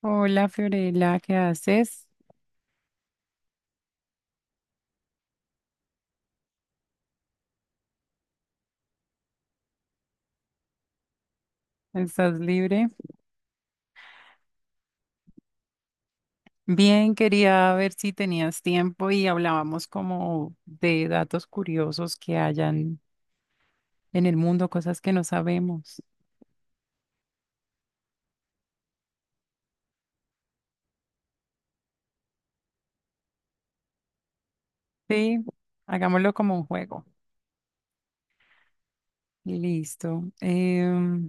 Hola Fiorella, ¿qué haces? ¿Estás libre? Bien, quería ver si tenías tiempo y hablábamos como de datos curiosos que hayan en el mundo, cosas que no sabemos. Sí, hagámoslo como un juego. Listo.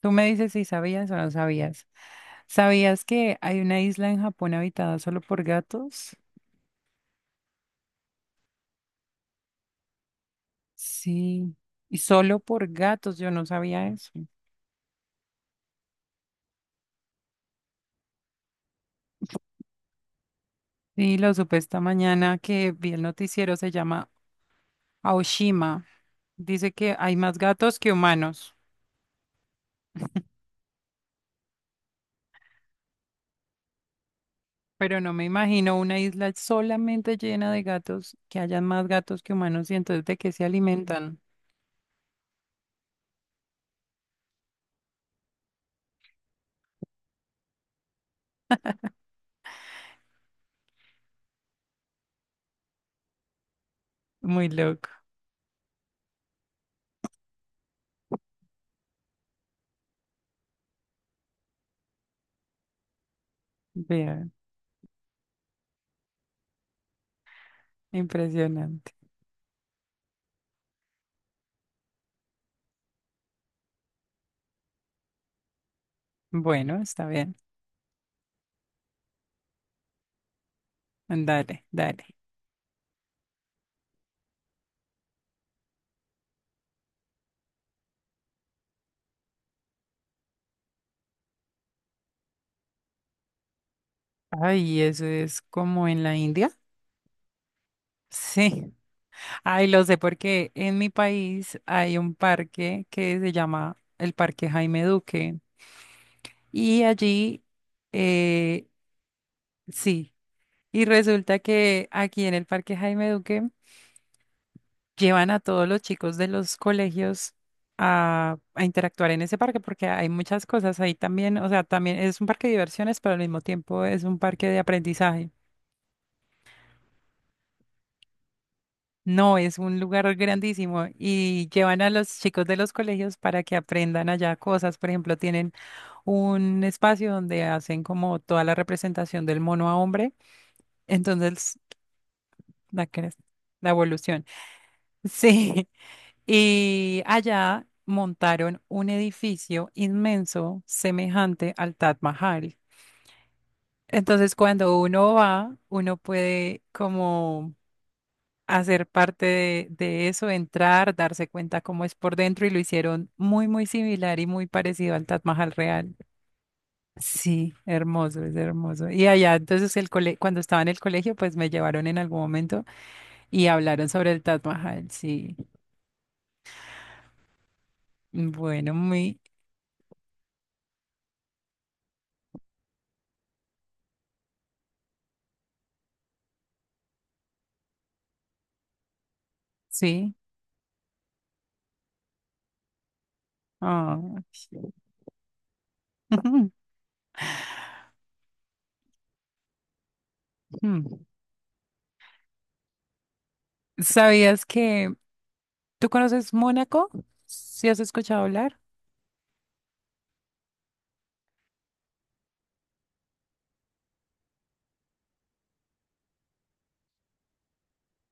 Tú me dices si sabías o no sabías. ¿Sabías que hay una isla en Japón habitada solo por gatos? Sí, y solo por gatos, yo no sabía eso. Sí, lo supe esta mañana que vi el noticiero, se llama Aoshima. Dice que hay más gatos que humanos, pero no me imagino una isla solamente llena de gatos, que hayan más gatos que humanos y entonces de qué se alimentan. Muy loco. Vean, impresionante. Bueno, está bien. Dale, dale. Ay, eso es como en la India. Sí. Ay, lo sé porque en mi país hay un parque que se llama el Parque Jaime Duque. Y allí, eh, sí, y resulta que aquí en el Parque Jaime Duque llevan a todos los chicos de los colegios a interactuar en ese parque porque hay muchas cosas ahí también, o sea, también es un parque de diversiones, pero al mismo tiempo es un parque de aprendizaje. No, es un lugar grandísimo y llevan a los chicos de los colegios para que aprendan allá cosas. Por ejemplo, tienen un espacio donde hacen como toda la representación del mono a hombre. Entonces La, cres- la evolución. Sí. Y allá montaron un edificio inmenso semejante al Taj Mahal. Entonces, cuando uno va, uno puede como hacer parte de eso, entrar, darse cuenta cómo es por dentro y lo hicieron muy, muy similar y muy parecido al Taj Mahal real. Sí, hermoso, es hermoso. Y allá, entonces, cuando estaba en el colegio, pues me llevaron en algún momento y hablaron sobre el Taj Mahal, sí. Bueno, sí. Ah, sí. Ujú. Ujú. ¿Sabías que tú conoces Mónaco? ¿Sí has escuchado hablar?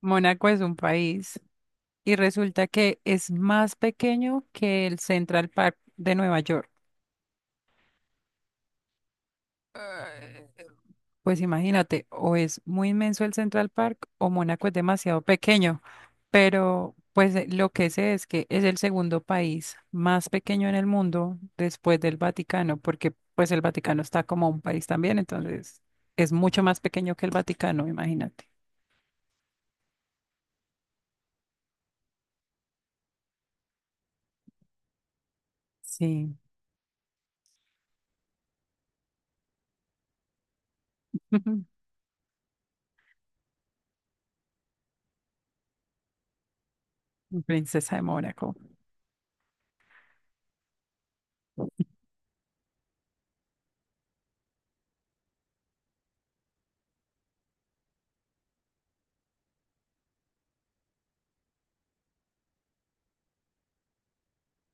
Mónaco es un país y resulta que es más pequeño que el Central Park de Nueva York. Pues imagínate, o es muy inmenso el Central Park o Mónaco es demasiado pequeño, pero pues lo que sé es que es el segundo país más pequeño en el mundo después del Vaticano, porque pues el Vaticano está como un país también, entonces es mucho más pequeño que el Vaticano, imagínate. Sí, princesa de Mónaco.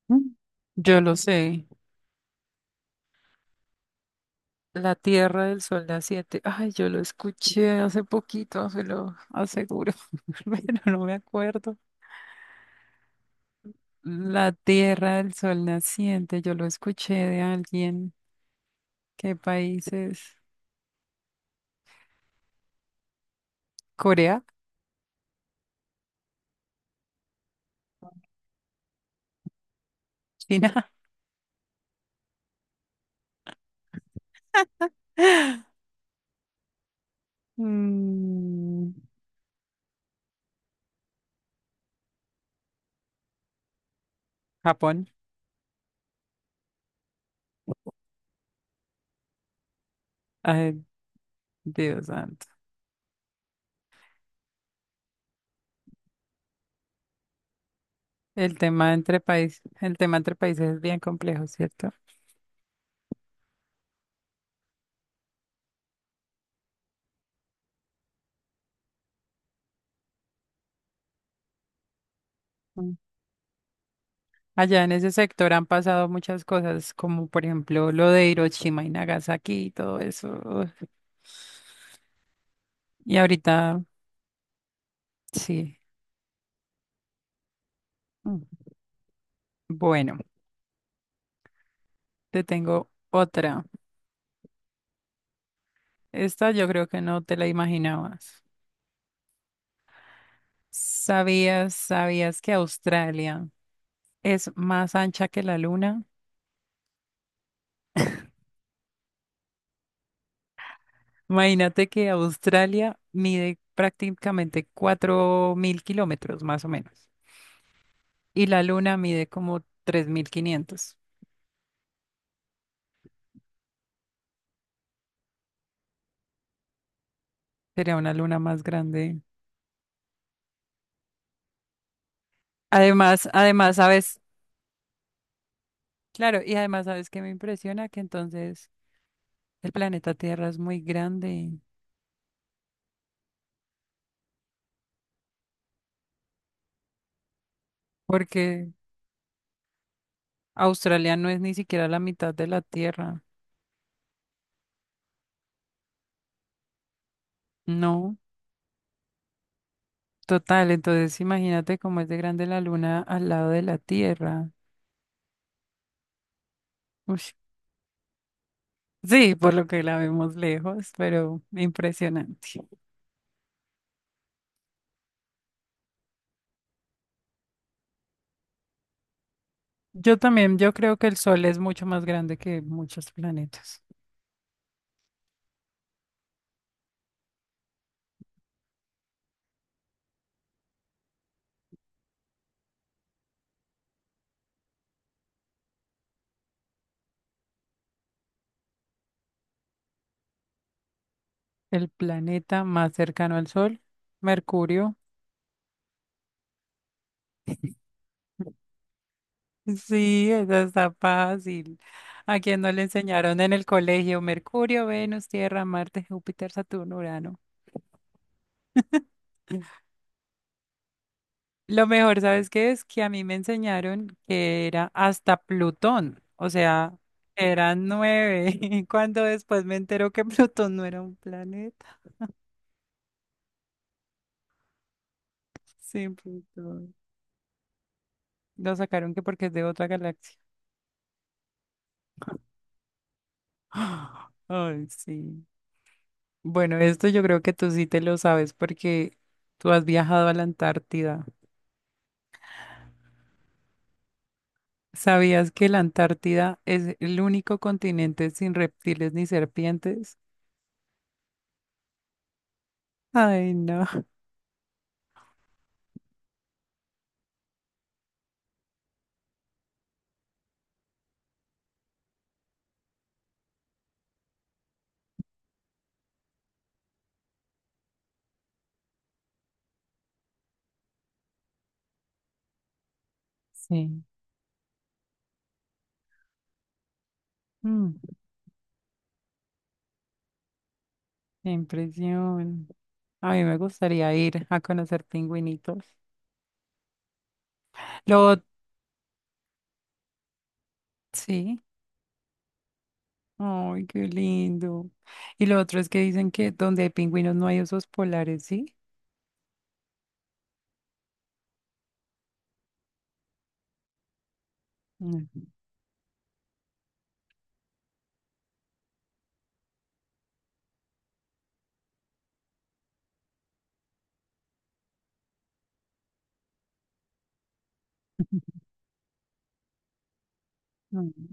Mm. Yo lo sé, la Tierra del Sol las siete. Ay, yo lo escuché hace poquito, se lo aseguro, pero no me acuerdo. La Tierra del Sol Naciente, yo lo escuché de alguien. ¿Qué país es? ¿Corea? ¿China? Mm, ¿Japón? Ay, Dios santo. El tema entre países, el tema entre países es bien complejo, ¿cierto? Allá en ese sector han pasado muchas cosas, como por ejemplo lo de Hiroshima y Nagasaki y todo eso. Y ahorita, sí. Mm. Bueno, te tengo otra. Esta yo creo que no te la imaginabas. ¿Sabías que Australia es más ancha que la luna? Imagínate que Australia mide prácticamente 4.000 kilómetros, más o menos. Y la luna mide como 3.500. Sería una luna más grande. Además, además, sabes, claro, y además, sabes que me impresiona que entonces el planeta Tierra es muy grande, porque Australia no es ni siquiera la mitad de la Tierra. No, total. Entonces, imagínate cómo es de grande la Luna al lado de la Tierra. Ush. Sí, por lo que la vemos lejos, pero impresionante. Yo también, yo creo que el Sol es mucho más grande que muchos planetas. El planeta más cercano al Sol, Mercurio. Sí, esa está fácil. ¿A quién no le enseñaron en el colegio? Mercurio, Venus, Tierra, Marte, Júpiter, Saturno, Urano. Lo mejor, ¿sabes qué es? Que a mí me enseñaron que era hasta Plutón, o sea, eran nueve, cuando después me entero que Plutón no era un planeta. Sí, Plutón. Lo sacaron que porque es de otra galaxia. Ay, sí. Bueno, esto yo creo que tú sí te lo sabes porque tú has viajado a la Antártida. ¿Sabías que la Antártida es el único continente sin reptiles ni serpientes? Ay, no. Sí. Mm, qué impresión. A mí me gustaría ir a conocer pingüinitos. Lo, ot- sí. Ay, qué lindo. Y lo otro es que dicen que donde hay pingüinos no hay osos polares, ¿sí? Mm. Mm.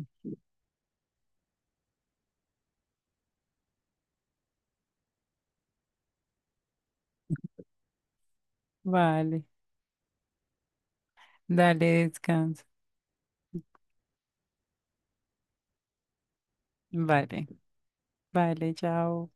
Vale. Dale, descansa. Vale. Vale, chao.